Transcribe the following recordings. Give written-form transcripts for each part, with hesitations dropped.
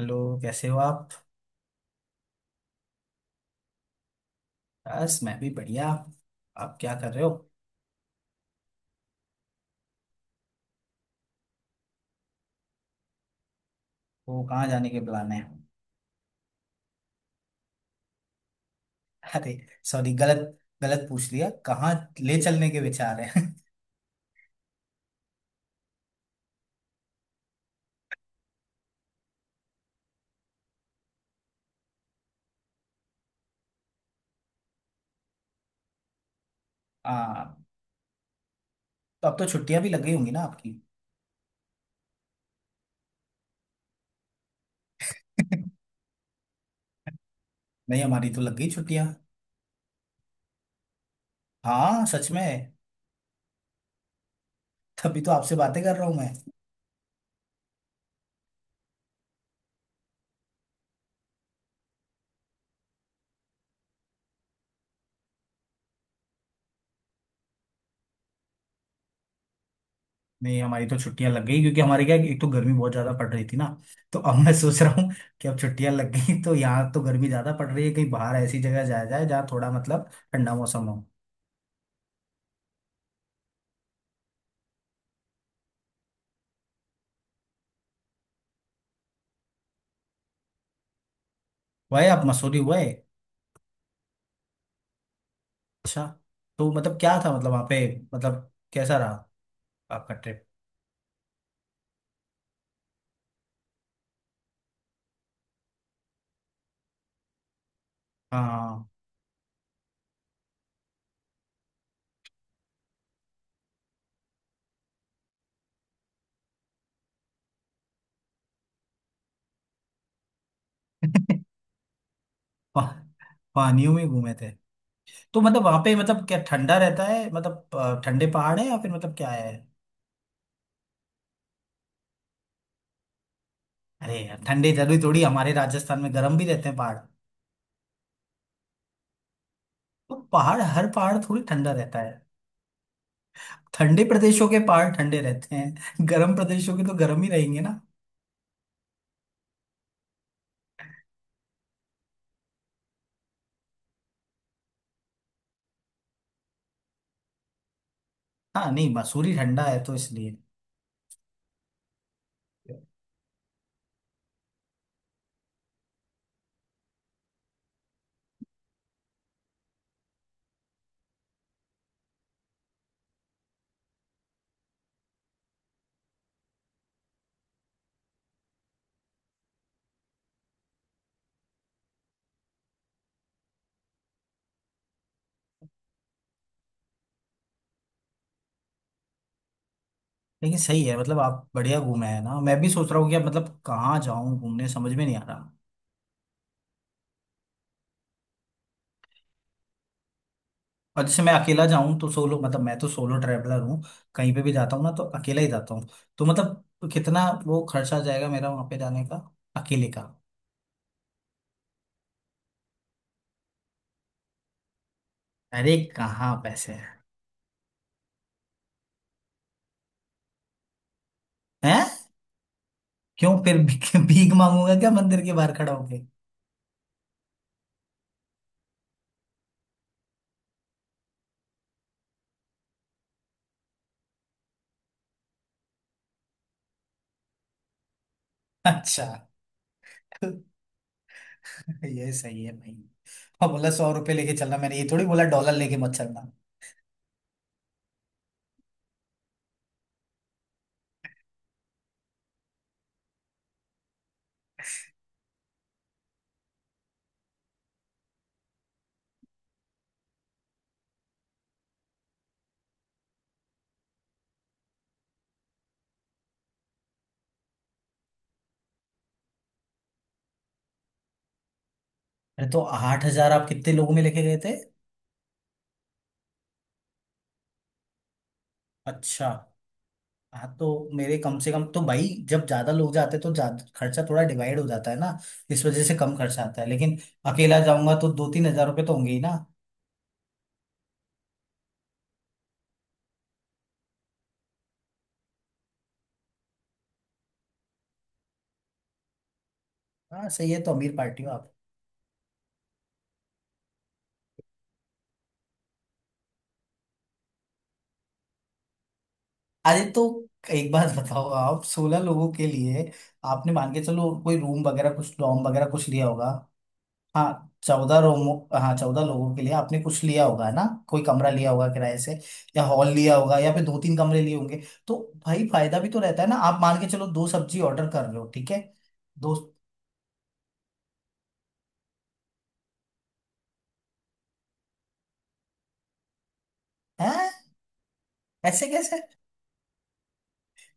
Hello. कैसे हो आप? बस मैं भी बढ़िया। आप क्या कर रहे हो? वो कहाँ जाने के प्लान है? अरे सॉरी गलत गलत पूछ लिया, कहाँ ले चलने के विचार हैं? हाँ। तो अब तो छुट्टियां भी लग गई होंगी ना आपकी? नहीं, हमारी तो लग गई छुट्टियां। हाँ सच में, तभी तो आपसे बातें कर रहा हूँ मैं। नहीं, हमारी तो छुट्टियां लग गई क्योंकि हमारे क्या, एक तो गर्मी बहुत ज्यादा पड़ रही थी ना। तो अब मैं सोच रहा हूँ कि अब छुट्टियां लग गई तो यहाँ तो गर्मी ज्यादा पड़ रही है, कहीं बाहर ऐसी जगह जाया जाए जहाँ थोड़ा मतलब ठंडा मौसम हो। हुआ है? आप मसूरी हुए? अच्छा। तो मतलब क्या था, मतलब वहाँ पे, मतलब कैसा रहा? आपका ट्रिप? हाँ। पा, पानियों में घूमे थे? तो मतलब वहाँ पे मतलब क्या ठंडा रहता है, मतलब ठंडे पहाड़ है या फिर मतलब क्या है? अरे यार ठंडे जरूरी थोड़ी, हमारे राजस्थान में गर्म भी रहते हैं पहाड़। तो पहाड़, हर पहाड़ थोड़ी ठंडा रहता है। ठंडे प्रदेशों के पहाड़ ठंडे रहते हैं। गर्म प्रदेशों के तो गर्म ही रहेंगे ना। हाँ नहीं, मसूरी ठंडा है तो इसलिए। लेकिन सही है, मतलब आप बढ़िया घूमे हैं ना, मैं भी सोच रहा हूँ कि अब मतलब कहाँ जाऊँ घूमने, समझ में नहीं आ रहा। और जैसे मैं अकेला जाऊं तो सोलो, मतलब मैं तो सोलो ट्रैवलर हूँ। कहीं पे भी जाता हूँ ना तो अकेला ही जाता हूँ। तो मतलब कितना वो खर्चा जाएगा मेरा वहां पे जाने का? अकेले का? अरे कहाँ पैसे हैं। हैं क्यों भीख मांगूंगा क्या मंदिर के बाहर खड़ा होके? अच्छा। ये सही है भाई। और बोला 100 रुपये लेके चलना, मैंने ये थोड़ी बोला डॉलर लेके मत चलना। अरे तो 8 हजार आप कितने लोगों में लेके गए थे? अच्छा। हाँ तो मेरे कम से कम तो भाई, जब ज्यादा लोग जाते हैं तो ज्यादा खर्चा थोड़ा डिवाइड हो जाता है ना, इस वजह से कम खर्चा आता है। लेकिन अकेला जाऊंगा तो 2-3 हजार रुपये तो होंगे ही ना। हाँ सही है, तो अमीर पार्टी हो आप। अरे तो एक बात बताओ, आप 16 लोगों के लिए आपने मान के चलो कोई रूम वगैरह कुछ डॉर्म वगैरह कुछ लिया होगा। हाँ 14 रूम। हाँ 14 लोगों के लिए आपने कुछ लिया होगा है ना। कोई कमरा लिया होगा किराए से, या हॉल लिया होगा, या फिर दो तीन कमरे लिए होंगे। तो भाई फायदा भी तो रहता है ना, आप मान के चलो दो सब्जी ऑर्डर कर रहे हो, ठीक है? दो। हैं? ऐसे कैसे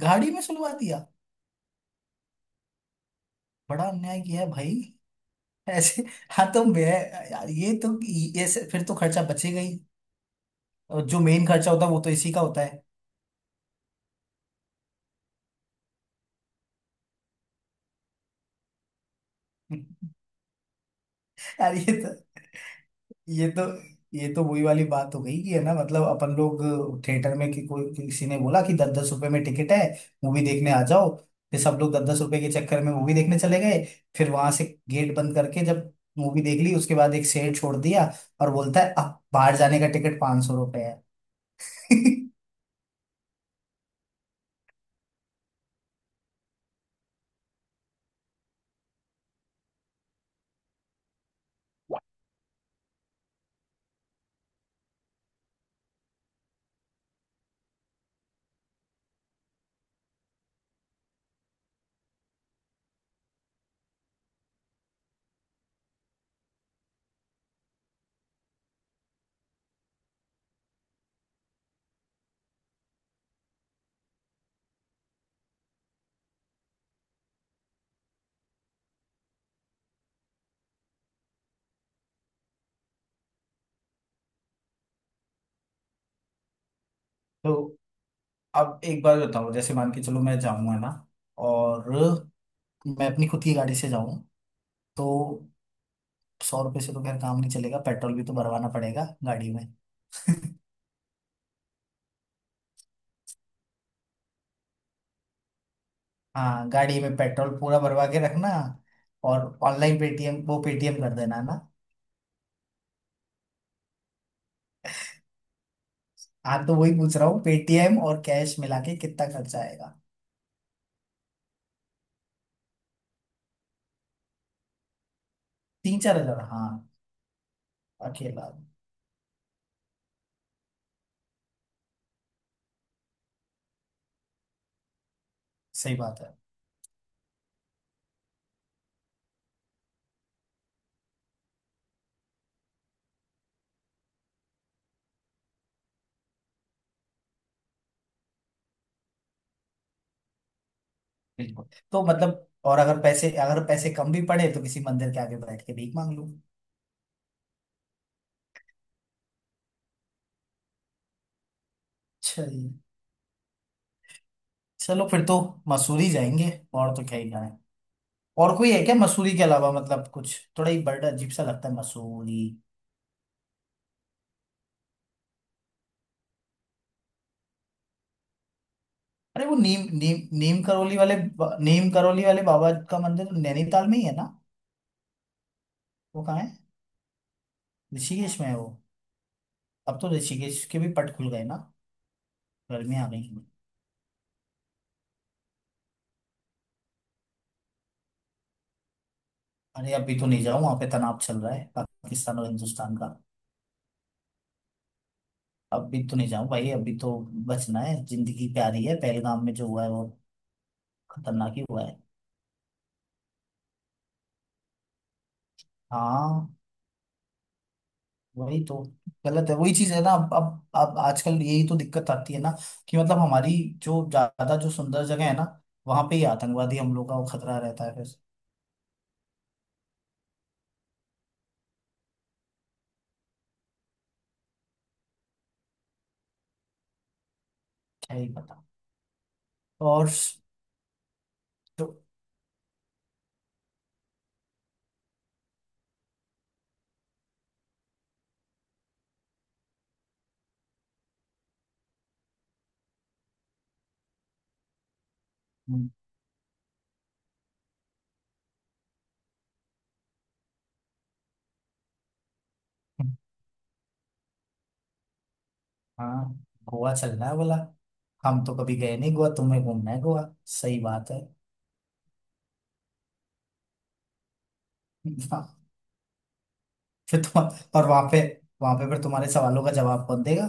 गाड़ी में सुलवा दिया? बड़ा अन्याय किया है भाई ऐसे। हाँ तो मैं, यार ये तो, ऐसे फिर तो खर्चा बचेगा ही, और जो मेन खर्चा होता है वो तो इसी का होता है। यार ये तो ये तो वही वाली बात हो गई कि है ना, मतलब अपन लोग थिएटर में, कि कोई किसी ने बोला कि 10-10 रुपए में टिकट है, मूवी देखने आ जाओ। फिर सब लोग 10-10 रुपए के चक्कर में मूवी देखने चले गए, फिर वहां से गेट बंद करके जब मूवी देख ली उसके बाद एक शेर छोड़ दिया, और बोलता है अब बाहर जाने का टिकट 500 रुपए है। तो अब एक बार बताओ, जैसे मान के चलो मैं जाऊंगा ना, और मैं अपनी खुद की गाड़ी से जाऊं, तो 100 रुपये से तो खैर काम नहीं चलेगा, पेट्रोल भी तो भरवाना पड़ेगा गाड़ी में। हाँ गाड़ी में पेट्रोल पूरा भरवा के रखना, और ऑनलाइन पेटीएम वो पेटीएम कर देना है ना। हाँ तो वही पूछ रहा हूँ पेटीएम और कैश मिला के कितना खर्चा आएगा? 3-4 हजार हाँ। अकेला। सही बात है। बिल्कुल। तो मतलब और अगर पैसे, अगर पैसे कम भी पड़े तो किसी मंदिर के आगे बैठ के भीख मांग लूँ। चलिए, चलो फिर तो मसूरी जाएंगे और तो क्या ही जाए। और कोई है क्या मसूरी के अलावा? मतलब कुछ थोड़ा ही बड़ा अजीब सा लगता है मसूरी। अरे वो नीम नीम नीम करोली वाले बा- नीम करोली वाले बाबा का मंदिर तो नैनीताल में ही है ना? वो कहाँ है? ऋषिकेश में है वो? अब तो ऋषिकेश के भी पट खुल गए ना, गर्मी आ गई। अरे अभी तो नहीं जाऊँ वहां पे, तनाव चल रहा है पाकिस्तान और हिंदुस्तान का। अभी तो नहीं जाऊँ भाई, अभी तो बचना है, जिंदगी प्यारी है। पहलगाम में जो हुआ है वो खतरनाक ही हुआ है। हाँ, वही तो। गलत है। वही चीज है ना, अब आजकल यही तो दिक्कत आती है ना, कि मतलब हमारी जो ज्यादा, जो सुंदर जगह है ना वहां पे ही आतंकवादी हमलों का वो खतरा रहता है फिर। क्या ही पता। और जो हम्म, हम्म, हाँ। गोवा चलना है बोला। हम तो कभी गए नहीं गोवा, तुम्हें घूमना है गोवा, सही बात है। हाँ, फिर तुम और वहां पे, वहां पे फिर तुम्हारे सवालों का जवाब कौन देगा?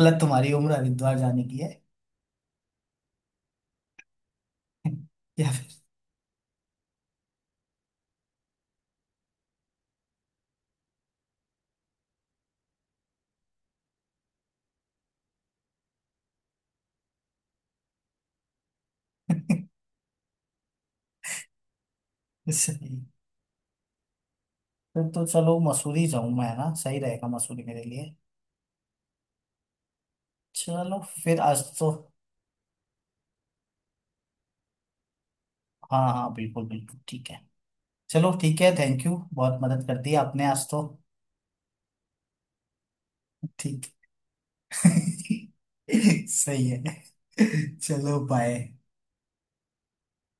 गलत, तुम्हारी उम्र हरिद्वार जाने की है। या फिर- सही। फिर तो चलो मसूरी जाऊं मैं है ना, सही रहेगा मसूरी मेरे लिए। चलो फिर आज तो। हाँ हाँ, बिल्कुल बिल्कुल, ठीक है। चलो ठीक है, थैंक यू, बहुत मदद कर दी आपने आज तो। ठीक। सही है। चलो बाय।